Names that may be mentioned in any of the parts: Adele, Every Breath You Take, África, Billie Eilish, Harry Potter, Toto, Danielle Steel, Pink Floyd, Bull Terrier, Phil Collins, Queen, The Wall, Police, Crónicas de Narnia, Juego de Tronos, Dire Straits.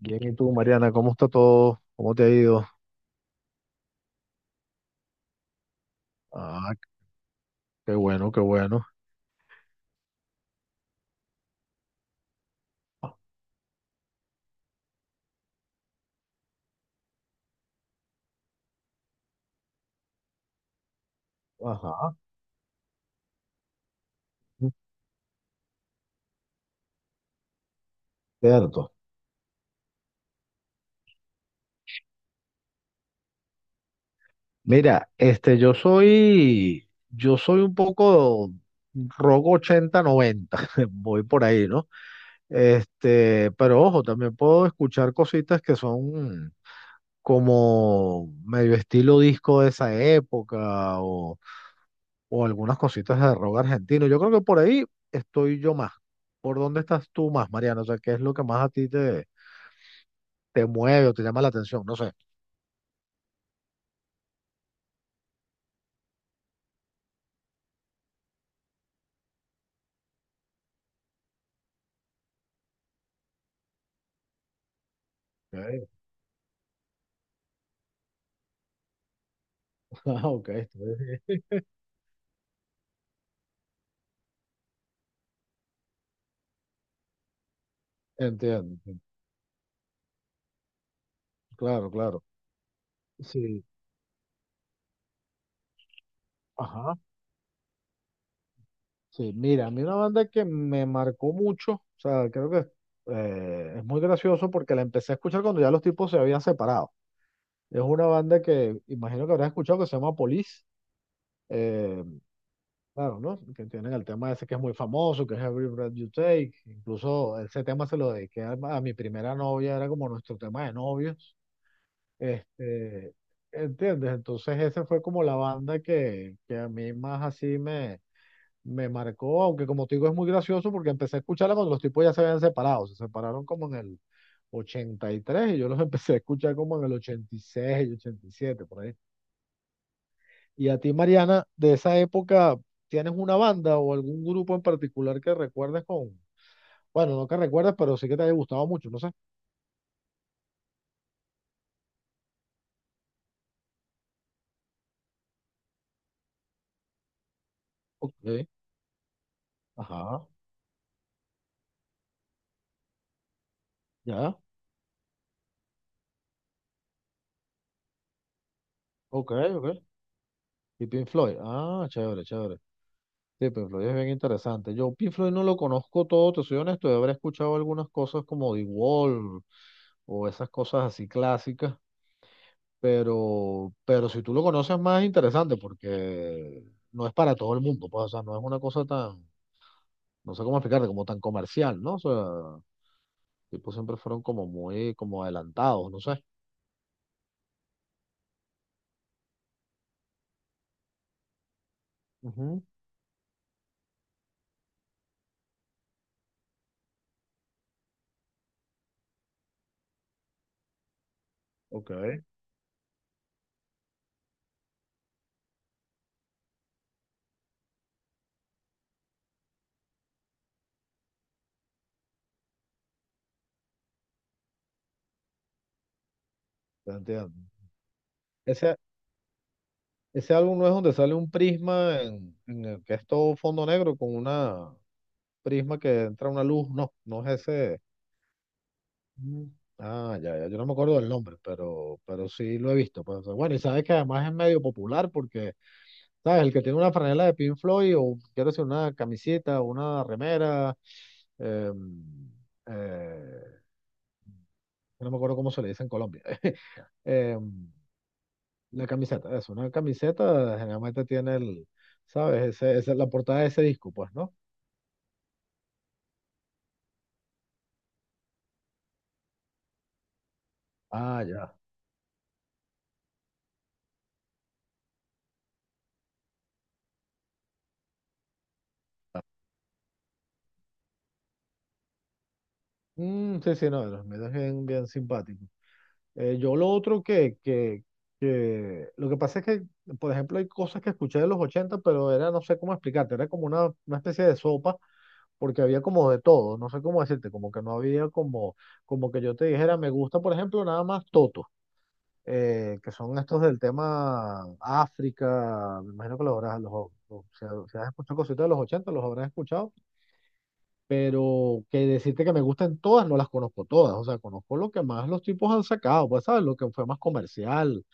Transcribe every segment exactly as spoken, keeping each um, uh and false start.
Bien, ¿y tú, Mariana? ¿Cómo está todo? ¿Cómo te ha ido? Ah, qué bueno, qué bueno. Ajá, cierto. Mira, este, yo soy, yo soy un poco rock ochenta noventa, voy por ahí, ¿no? Este, pero ojo, también puedo escuchar cositas que son como medio estilo disco de esa época o algunas cositas de rock argentino. Yo creo que por ahí estoy yo más. ¿Por dónde estás tú más, Mariano? O sea, ¿qué es lo que más a ti te, te mueve o te llama la atención? No sé. Ok, ah, ok, estoy- entiendo. Claro, claro. Sí, ajá. Sí, mira, a mí una banda que me marcó mucho, o sea, creo que eh, es muy gracioso porque la empecé a escuchar cuando ya los tipos se habían separado. Es una banda que imagino que habrás escuchado que se llama Police. eh, Claro, ¿no? Que tienen el tema ese que es muy famoso, que es Every Breath You Take. Incluso ese tema se lo dediqué a, a mi primera novia, era como nuestro tema de novios. Este, ¿entiendes? Entonces esa fue como la banda que, que a mí más así me, me marcó, aunque como te digo es muy gracioso porque empecé a escucharla cuando los tipos ya se habían separado, se separaron como en el ochenta y tres y yo los empecé a escuchar como en el ochenta y seis, ochenta y siete, por ahí. Y a ti, Mariana, de esa época, ¿tienes una banda o algún grupo en particular que recuerdes con, bueno, no que recuerdes, pero sí que te haya gustado mucho, no sé? Ok, ajá, ya, ok, ok. Y Pink Floyd, ah, chévere, chévere. Sí, Pink Floyd es bien interesante. Yo Pink Floyd no lo conozco todo, te soy honesto, yo habré escuchado algunas cosas como The Wall o esas cosas así clásicas, pero, pero si tú lo conoces más es interesante porque no es para todo el mundo, pues, o sea, no es una cosa tan, no sé cómo explicarte, como tan comercial, ¿no? O sea, tipo siempre fueron como muy, como adelantados, no sé. Ujú, ok, te entiendo. Ese, ese álbum no es donde sale un prisma en, en, el que es todo fondo negro con una prisma que entra una luz. No, no es ese. Mm. Ah, ya, ya. Yo no me acuerdo del nombre, pero, pero sí lo he visto. Pues, bueno, y sabes que además es medio popular porque, ¿sabes? El que tiene una franela de Pink Floyd, o quiero decir una camiseta, una remera, em, eh, no me acuerdo cómo se le dice en Colombia. Eh, la camiseta, es una camiseta generalmente tiene el, ¿sabes? Ese, esa es la portada de ese disco, pues, ¿no? Ah, ya. Mm, sí, sí, no, los medios bien, bien simpático. Yo lo otro que, que, que, lo que pasa es que, por ejemplo, hay cosas que escuché de los ochenta pero era, no sé cómo explicarte, era como una, una especie de sopa, porque había como de todo, no sé cómo decirte, como que no había como, como que yo te dijera, me gusta, por ejemplo, nada más Toto. Eh, que son estos del tema África, me imagino que los habrás, los, o sea, si has escuchado cositas de los ochenta los habrás escuchado, pero que decirte que me gustan todas, no las conozco todas, o sea, conozco lo que más los tipos han sacado, pues sabes, lo que fue más comercial,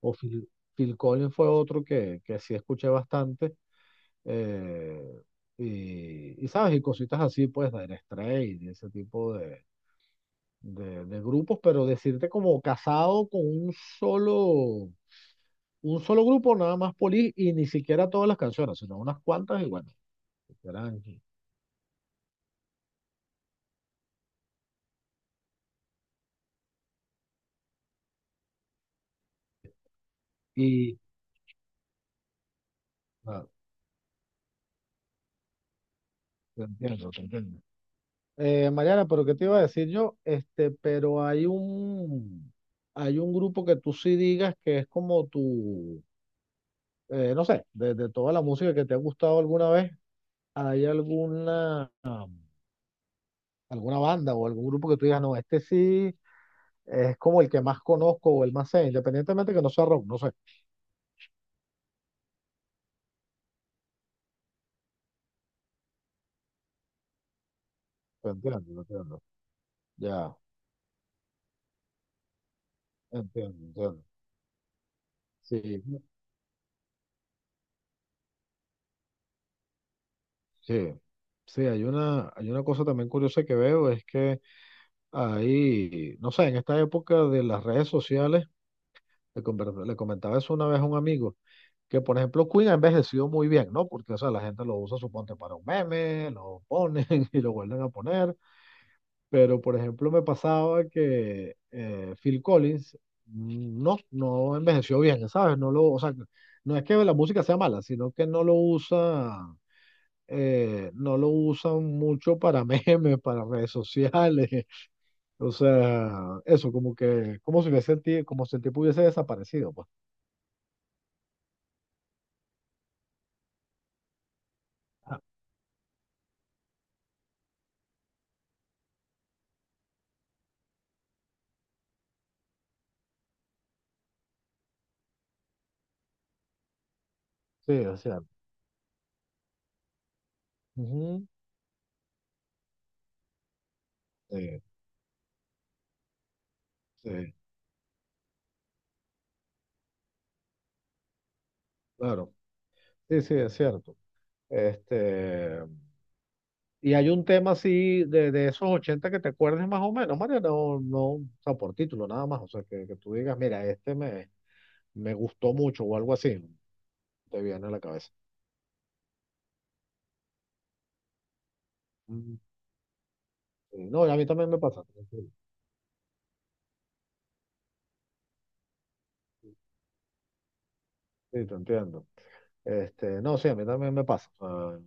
o Phil, Phil Collins fue otro que, que sí escuché bastante, eh, y, y sabes, y cositas así, pues, de Straits, y ese tipo de... De, de grupos, pero decirte como casado con un solo, un solo grupo, nada más Polis, y ni siquiera todas las canciones, sino unas cuantas, y bueno, eran- y ah, te entiendo, te entiendo. Eh, Mariana, pero ¿qué te iba a decir yo? Este, pero hay un, hay un grupo que tú sí digas que es como tu, eh, no sé, de, de toda la música que te ha gustado alguna vez, ¿hay alguna, alguna banda o algún grupo que tú digas, no, este sí es como el que más conozco o el más sé, independientemente que no sea rock, no sé, te entiendo, te entiendo, ya. Entiendo, entiendo. Sí, sí, sí, hay una, hay una, cosa también curiosa que veo, es que hay, no sé, en esta época de las redes sociales, le, conver- le comentaba eso una vez a un amigo, que por ejemplo Queen ha envejecido muy bien, ¿no? Porque, o sea, la gente lo usa, suponte, para un meme, lo ponen y lo vuelven a poner, pero por ejemplo me pasaba que eh, Phil Collins mm, no, no envejeció bien, ¿sabes? No lo, o sea, no es que la música sea mala, sino que no lo usa eh, no lo usan mucho para memes, para redes sociales, o sea, eso, como que, como si hubiese el ti-, como si el tipo hubiese desaparecido, pues. Ah, sí, o sea, ujú, sí, sí, claro, sí, sí, es cierto. Este, y hay un tema así de, de, esos ochenta que te acuerdes más o menos, María, no, no, o sea, por título nada más, o sea, que, que tú digas, mira, este me, me gustó mucho o algo así, te viene a la cabeza. Mm, sí. No, y a mí también me pasa. Sí, sí, te entiendo. Este, no, sí, a mí también me pasa. O sea,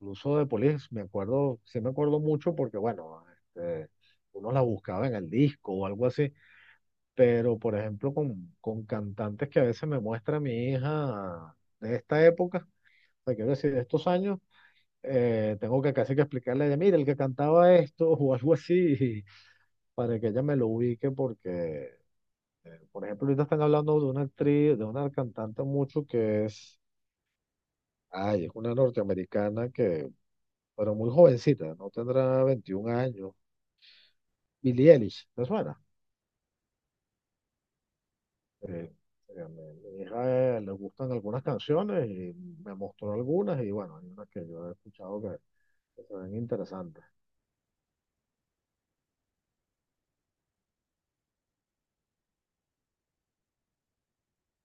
incluso de Police me acuerdo, sí me acuerdo mucho porque, bueno, este, uno la buscaba en el disco o algo así, pero por ejemplo con, con cantantes que a veces me muestra mi hija de esta época, o sea, quiero decir, de estos años, eh, tengo que casi que explicarle de, mira, el que cantaba esto o algo así, para que ella me lo ubique porque, eh, por ejemplo, ahorita están hablando de una actriz, de una cantante mucho que es... Ay, es una norteamericana que, pero muy jovencita, no tendrá veintiún años. Billie Eilish, ¿te suena? Eh, eh, a mi, mi hija eh, le gustan algunas canciones y me mostró algunas y bueno, hay unas que yo he escuchado que, que se ven interesantes.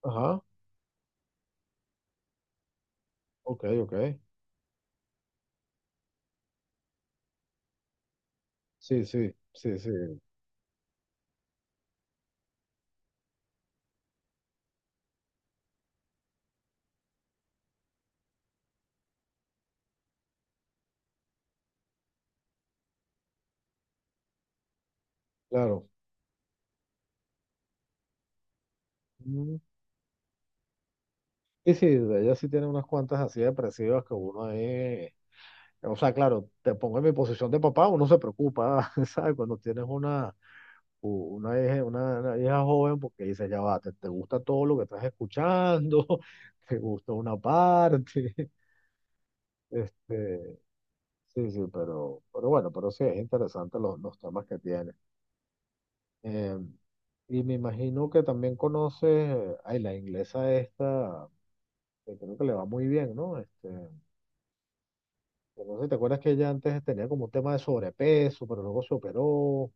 Ajá, ok, ok. Sí, sí, sí, sí, claro. Mm, Y sí, ella sí tiene unas cuantas así depresivas que uno ahí. O sea, claro, te pongo en mi posición de papá, uno se preocupa, ¿sabes? Cuando tienes una u- una vieja, una, una vieja joven porque dice, ya va, te, te, gusta todo lo que estás escuchando, te gusta una parte. Este, sí, sí, pero, pero bueno, pero sí, es interesante los, los temas que tiene. Eh, y me imagino que también conoces, ay, la inglesa esta, que creo que le va muy bien, ¿no? Este, que no sé si te acuerdas que ella antes tenía como un tema de sobrepeso, pero luego se operó.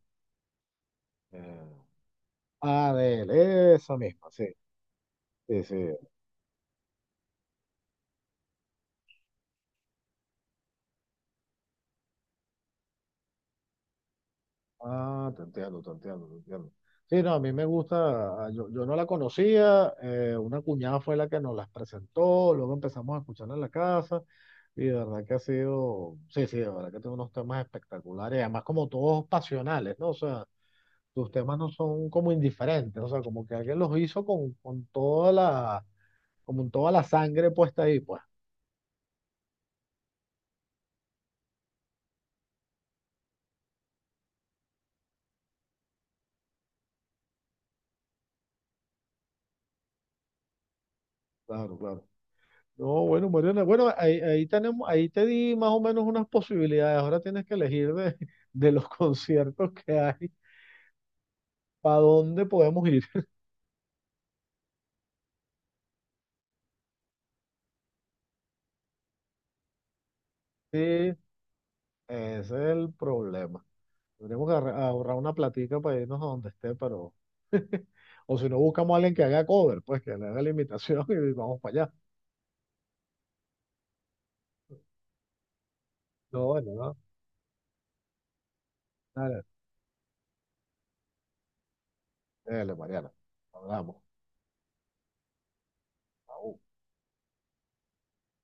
Eh, Adele, esa misma, sí, sí, sí. Ah, te entiendo, te entiendo, te entiendo. Sí, no, a mí me gusta, ah, yo, yo no la conocía, eh, una cuñada fue la que nos las presentó, luego empezamos a escucharla en la casa y de verdad que ha sido, sí, sí, de verdad que tiene unos temas espectaculares, además como todos pasionales, ¿no? O sea, tus temas no son como indiferentes, o sea, como que alguien los hizo con, con, toda la, como en toda la sangre puesta ahí, pues. Claro, claro. No, bueno, Mariana, bueno, ahí, ahí tenemos, ahí te di más o menos unas posibilidades. Ahora tienes que elegir de, de los conciertos que hay, para dónde podemos ir. Sí, ese es el problema. Tendremos que ahorra- ahorrar una platica para irnos a donde esté, pero, o si no, buscamos a alguien que haga cover, pues que le haga la imitación y vamos para allá. No, bueno, no. Dale, dale, Mariana. Hablamos. Chao.